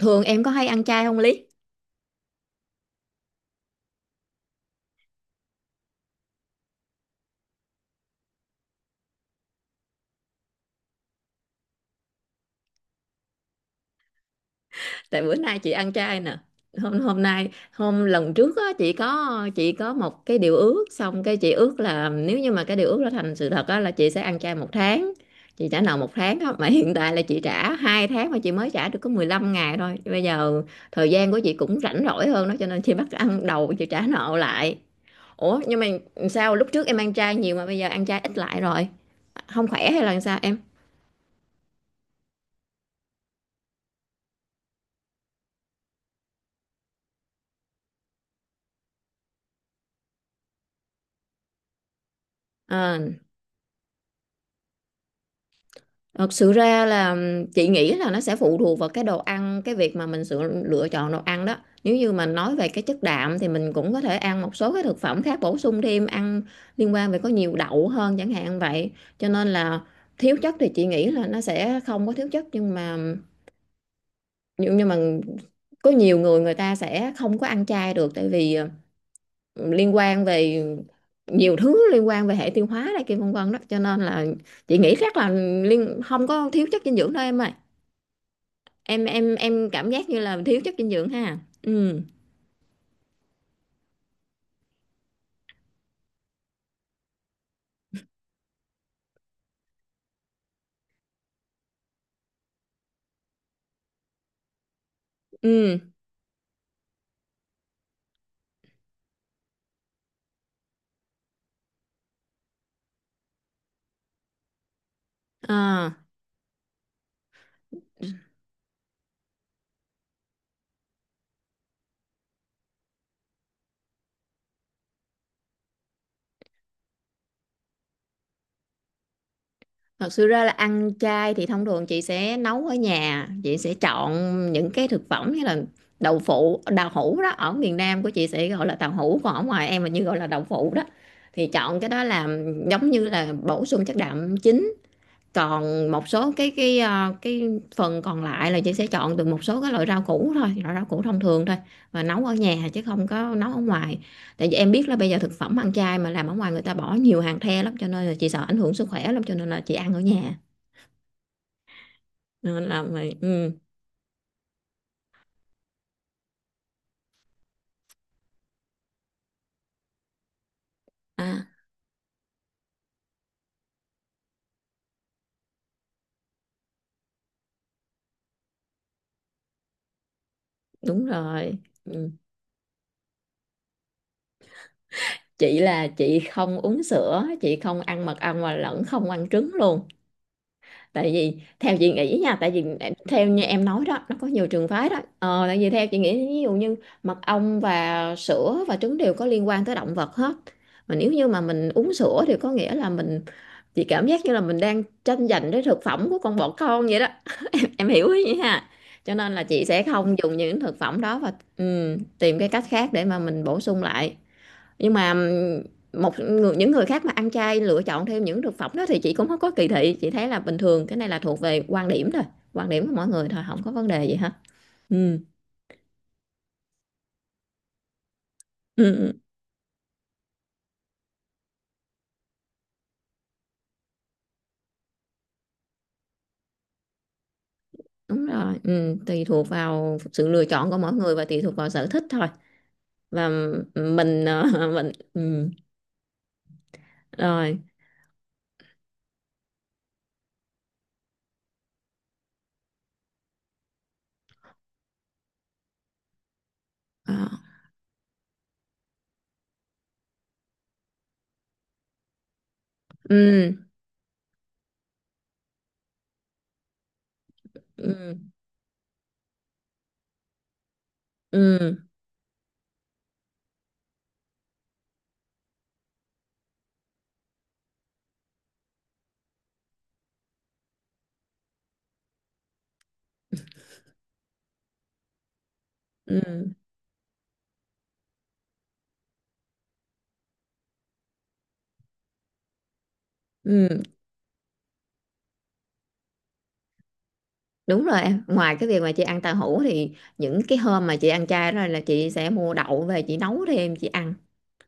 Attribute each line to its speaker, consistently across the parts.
Speaker 1: Thường em có hay ăn chay không, Lý? Tại bữa nay chị ăn chay nè. Hôm hôm nay hôm lần trước á chị có một cái điều ước, xong cái chị ước là nếu như mà cái điều ước đó thành sự thật á là chị sẽ ăn chay một tháng. Chị trả nợ một tháng á mà hiện tại là chị trả 2 tháng, mà chị mới trả được có 15 ngày thôi. Bây giờ thời gian của chị cũng rảnh rỗi hơn đó, cho nên chị bắt ăn đầu chị trả nợ lại. Ủa, nhưng mà sao lúc trước em ăn chay nhiều mà bây giờ ăn chay ít lại rồi? Không khỏe hay là sao em? À, thật sự ra là chị nghĩ là nó sẽ phụ thuộc vào cái đồ ăn, cái việc mà mình sự lựa chọn đồ ăn đó. Nếu như mà nói về cái chất đạm thì mình cũng có thể ăn một số cái thực phẩm khác bổ sung thêm, ăn liên quan về có nhiều đậu hơn chẳng hạn vậy. Cho nên là thiếu chất thì chị nghĩ là nó sẽ không có thiếu chất, nhưng mà nhưng mà có nhiều người người ta sẽ không có ăn chay được, tại vì liên quan về nhiều thứ, liên quan về hệ tiêu hóa này kia vân vân đó, cho nên là chị nghĩ chắc là liên không có thiếu chất dinh dưỡng đâu em ơi. Em cảm giác như là thiếu chất dinh dưỡng ha. Ừ, ừ, à, thật sự ra là ăn chay thì thông thường chị sẽ nấu ở nhà. Chị sẽ chọn những cái thực phẩm như là đậu phụ, đào hũ đó, ở miền Nam của chị sẽ gọi là tàu hũ, còn ở ngoài em là như gọi là đậu phụ đó, thì chọn cái đó làm giống như là bổ sung chất đạm chính. Còn một số cái cái phần còn lại là chị sẽ chọn từ một số cái loại rau củ thôi, loại rau củ thông thường thôi, và nấu ở nhà chứ không có nấu ở ngoài. Tại vì em biết là bây giờ thực phẩm ăn chay mà làm ở ngoài, người ta bỏ nhiều hàng the lắm, cho nên là chị sợ ảnh hưởng sức khỏe lắm, cho nên là chị ăn ở nhà, nên là mày ừ. À, đúng rồi. Ừ. Chị là chị không uống sữa, chị không ăn mật ong và lẫn không ăn trứng luôn. Tại vì theo chị nghĩ nha, tại vì theo như em nói đó, nó có nhiều trường phái đó. Ờ, Tại vì theo chị nghĩ, ví dụ như mật ong và sữa và trứng đều có liên quan tới động vật hết, mà nếu như mà mình uống sữa thì có nghĩa là mình, chị cảm giác như là mình đang tranh giành cái thực phẩm của con bọ con vậy đó. Em hiểu ý vậy ha. Cho nên là chị sẽ không dùng những thực phẩm đó, và tìm cái cách khác để mà mình bổ sung lại. Nhưng mà một người, những người khác mà ăn chay lựa chọn thêm những thực phẩm đó thì chị cũng không có kỳ thị, chị thấy là bình thường. Cái này là thuộc về quan điểm thôi, quan điểm của mỗi người thôi, không có vấn đề gì hết. Ừm, ừm, đúng rồi, tùy thuộc vào sự lựa chọn của mỗi người và tùy thuộc vào sở thích thôi. Và mình, mình rồi, ờ, ừm, ừm, ừm, ừm, ừm, đúng rồi em. Ngoài cái việc mà chị ăn tàu hũ thì những cái hôm mà chị ăn chay rồi là chị sẽ mua đậu về chị nấu thêm chị ăn.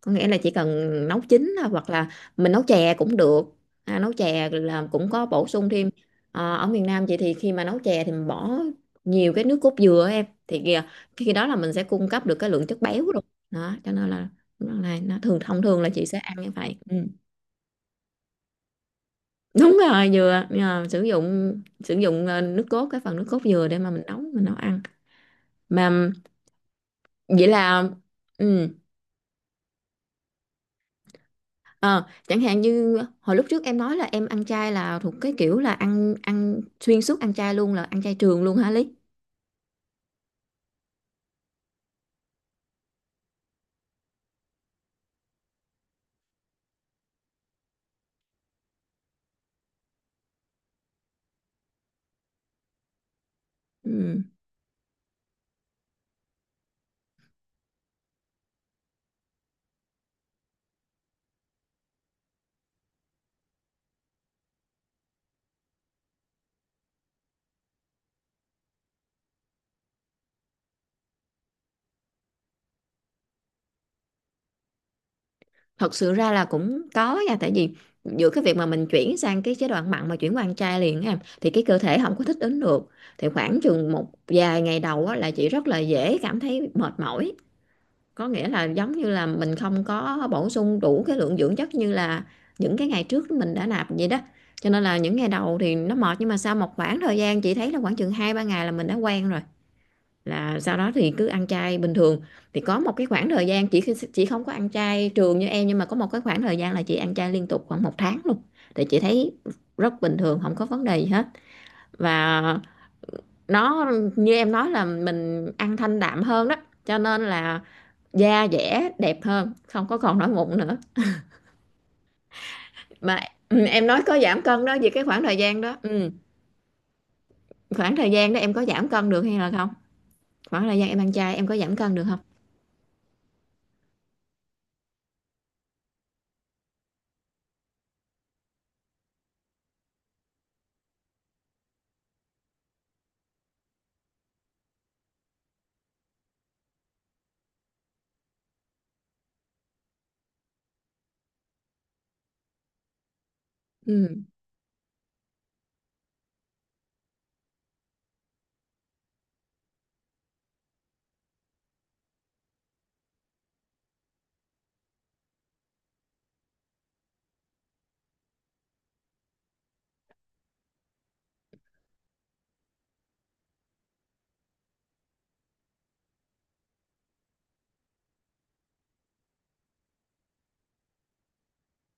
Speaker 1: Có nghĩa là chỉ cần nấu chín thôi, hoặc là mình nấu chè cũng được. À, nấu chè là cũng có bổ sung thêm. Ờ, ở miền Nam chị thì khi mà nấu chè thì mình bỏ nhiều cái nước cốt dừa á, em thì kìa khi đó là mình sẽ cung cấp được cái lượng chất béo luôn đó, cho nên là này nó thường thông thường là chị sẽ ăn như vậy. Ừ, đúng rồi, dừa. Ờ, sử dụng nước cốt, cái phần nước cốt dừa để mà mình nấu, mình nấu ăn mà. Vậy là ừ. Ờ, chẳng hạn như hồi lúc trước em nói là em ăn chay là thuộc cái kiểu là ăn ăn xuyên suốt, ăn chay luôn, là ăn chay trường luôn hả Lý? Ừ, thật sự ra là cũng có nha. Tại vì giữa cái việc mà mình chuyển sang cái chế độ ăn mặn mà chuyển qua ăn chay liền á em, thì cái cơ thể không có thích ứng được, thì khoảng chừng một vài ngày đầu á là chị rất là dễ cảm thấy mệt mỏi. Có nghĩa là giống như là mình không có bổ sung đủ cái lượng dưỡng chất như là những cái ngày trước mình đã nạp vậy đó. Cho nên là những ngày đầu thì nó mệt, nhưng mà sau một khoảng thời gian chị thấy là khoảng chừng hai ba ngày là mình đã quen rồi, là sau đó thì cứ ăn chay bình thường. Thì có một cái khoảng thời gian chị không có ăn chay trường như em, nhưng mà có một cái khoảng thời gian là chị ăn chay liên tục khoảng một tháng luôn, thì chị thấy rất bình thường, không có vấn đề gì hết. Và nó như em nói là mình ăn thanh đạm hơn đó, cho nên là da dẻ đẹp hơn, không có còn nổi mụn nữa mà. Ừ, em nói có giảm cân đó, vì cái khoảng thời gian đó ừ, khoảng thời gian đó em có giảm cân được hay là không, khoảng thời gian em ăn chay em có giảm cân được không? Ừ.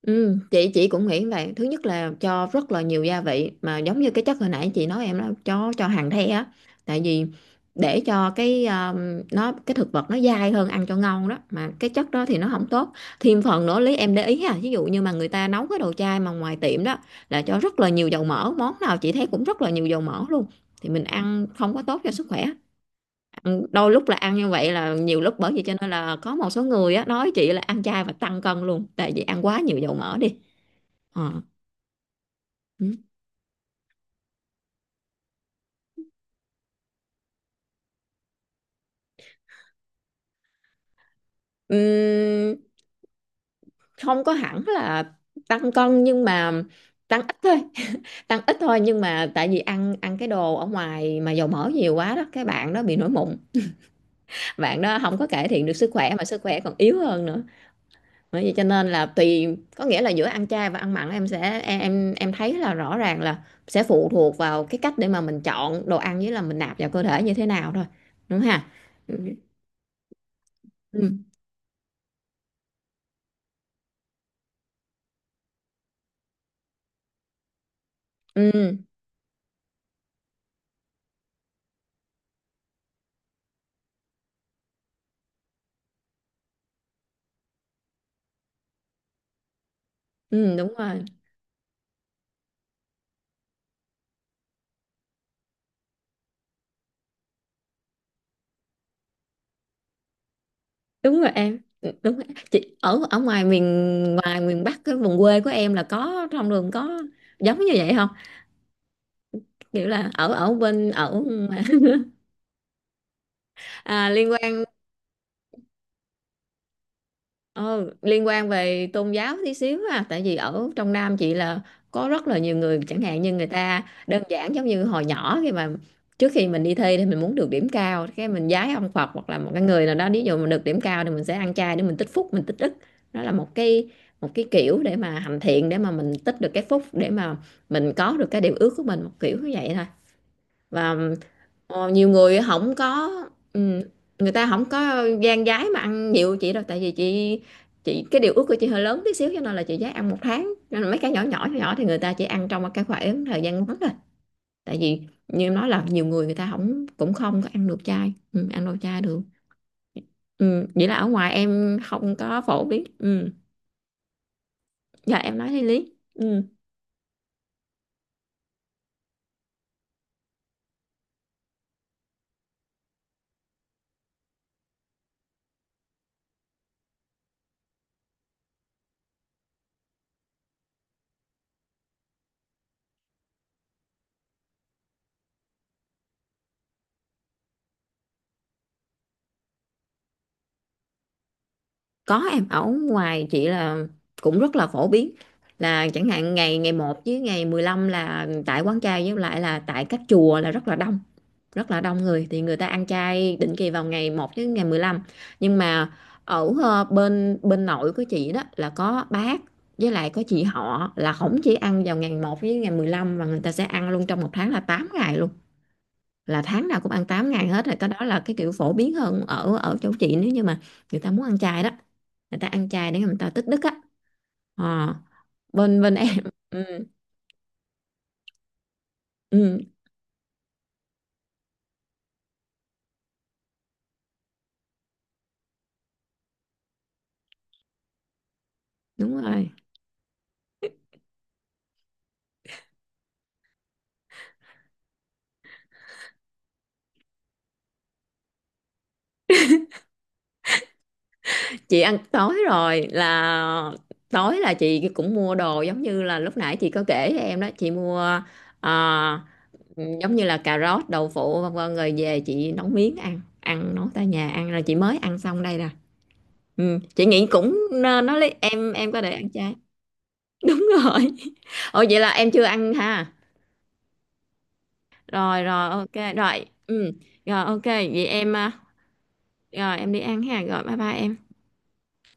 Speaker 1: Ừ, chị cũng nghĩ vậy. Thứ nhất là cho rất là nhiều gia vị, mà giống như cái chất hồi nãy chị nói em đó, cho hàn the á. Tại vì để cho cái nó cái thực vật nó dai hơn, ăn cho ngon đó, mà cái chất đó thì nó không tốt. Thêm phần nữa, Lý em để ý ha, ví dụ như mà người ta nấu cái đồ chay mà ngoài tiệm đó là cho rất là nhiều dầu mỡ. Món nào chị thấy cũng rất là nhiều dầu mỡ luôn, thì mình ăn không có tốt cho sức khỏe. Đôi lúc là ăn như vậy là nhiều lúc, bởi vì cho nên là có một số người á nói chị là ăn chay và tăng cân luôn, tại vì ăn quá nhiều dầu mỡ đi. Ờ. Ừ. Ừm, không có hẳn là tăng cân, nhưng mà tăng ít thôi tăng ít thôi, nhưng mà tại vì ăn ăn cái đồ ở ngoài mà dầu mỡ nhiều quá đó, cái bạn đó bị nổi mụn, bạn đó không có cải thiện được sức khỏe, mà sức khỏe còn yếu hơn nữa. Bởi vậy cho nên là tùy, có nghĩa là giữa ăn chay và ăn mặn, em sẽ em thấy là rõ ràng là sẽ phụ thuộc vào cái cách để mà mình chọn đồ ăn, với là mình nạp vào cơ thể như thế nào thôi. Đúng ha. ừ ừ, ừ, ừ đúng rồi, đúng rồi em. Ừ, đúng rồi. Chị ở ở ngoài miền, ngoài miền Bắc, cái vùng quê của em là có trong đường có giống như vậy không? Kiểu là ở ở bên ở à, liên quan. Ờ, liên quan về tôn giáo tí xíu ha, tại vì ở trong Nam chị là có rất là nhiều người. Chẳng hạn như người ta đơn giản giống như hồi nhỏ, khi mà trước khi mình đi thi thì mình muốn được điểm cao, cái mình vái ông Phật hoặc là một cái người nào đó, ví dụ mình được điểm cao thì mình sẽ ăn chay để mình tích phúc, mình tích đức. Đó là một cái, một cái kiểu để mà hành thiện, để mà mình tích được cái phúc để mà mình có được cái điều ước của mình, một kiểu như vậy thôi. Và nhiều người không có ừm, người ta không có gan gái mà ăn nhiều chị đâu. Tại vì chị, cái điều ước của chị hơi lớn tí xíu, cho nên là chị dám ăn một tháng, nên là mấy cái nhỏ nhỏ nhỏ nhỏ thì người ta chỉ ăn trong một cái khoảng thời gian ngắn thôi. Tại vì như em nói là nhiều người người ta không cũng không có ăn được chay, ừ, ăn đồ chay được. Ừ, vậy là ở ngoài em không có phổ biến. Ừ, dạ em nói đi Lý. Ừ. Có em. Ở ngoài chị là cũng rất là phổ biến. Là chẳng hạn ngày ngày 1 với ngày 15 là tại quán chay với lại là tại các chùa là rất là đông, rất là đông người. Thì người ta ăn chay định kỳ vào ngày 1 với ngày mười lăm. Nhưng mà ở bên bên nội của chị đó là có bác, với lại có chị họ là không chỉ ăn vào ngày 1 với ngày mười lăm, mà người ta sẽ ăn luôn trong một tháng là 8 ngày, là tháng nào cũng ăn 8 ngày hết. Rồi cái đó là cái kiểu phổ biến hơn ở ở chỗ chị, nếu như mà người ta muốn ăn chay đó, người ta ăn chay để người ta tích đức á. Ờ, bên bên em ừ, ừ, đúng rồi. Chị ăn tối rồi. Là tối là chị cũng mua đồ giống như là lúc nãy chị có kể với em đó. Chị mua ờ, giống như là cà rốt, đậu phụ vân vân, rồi về chị nấu miếng ăn, ăn nấu tại nhà ăn, rồi chị mới ăn xong đây nè. Ừ, chị nghĩ cũng nên nó lấy em có thể ăn chay. Đúng rồi. Ồ, vậy là em chưa ăn ha. Rồi rồi, ok rồi. Ừ, rồi ok, vậy em à. Rồi em đi ăn ha. Rồi, bye bye em.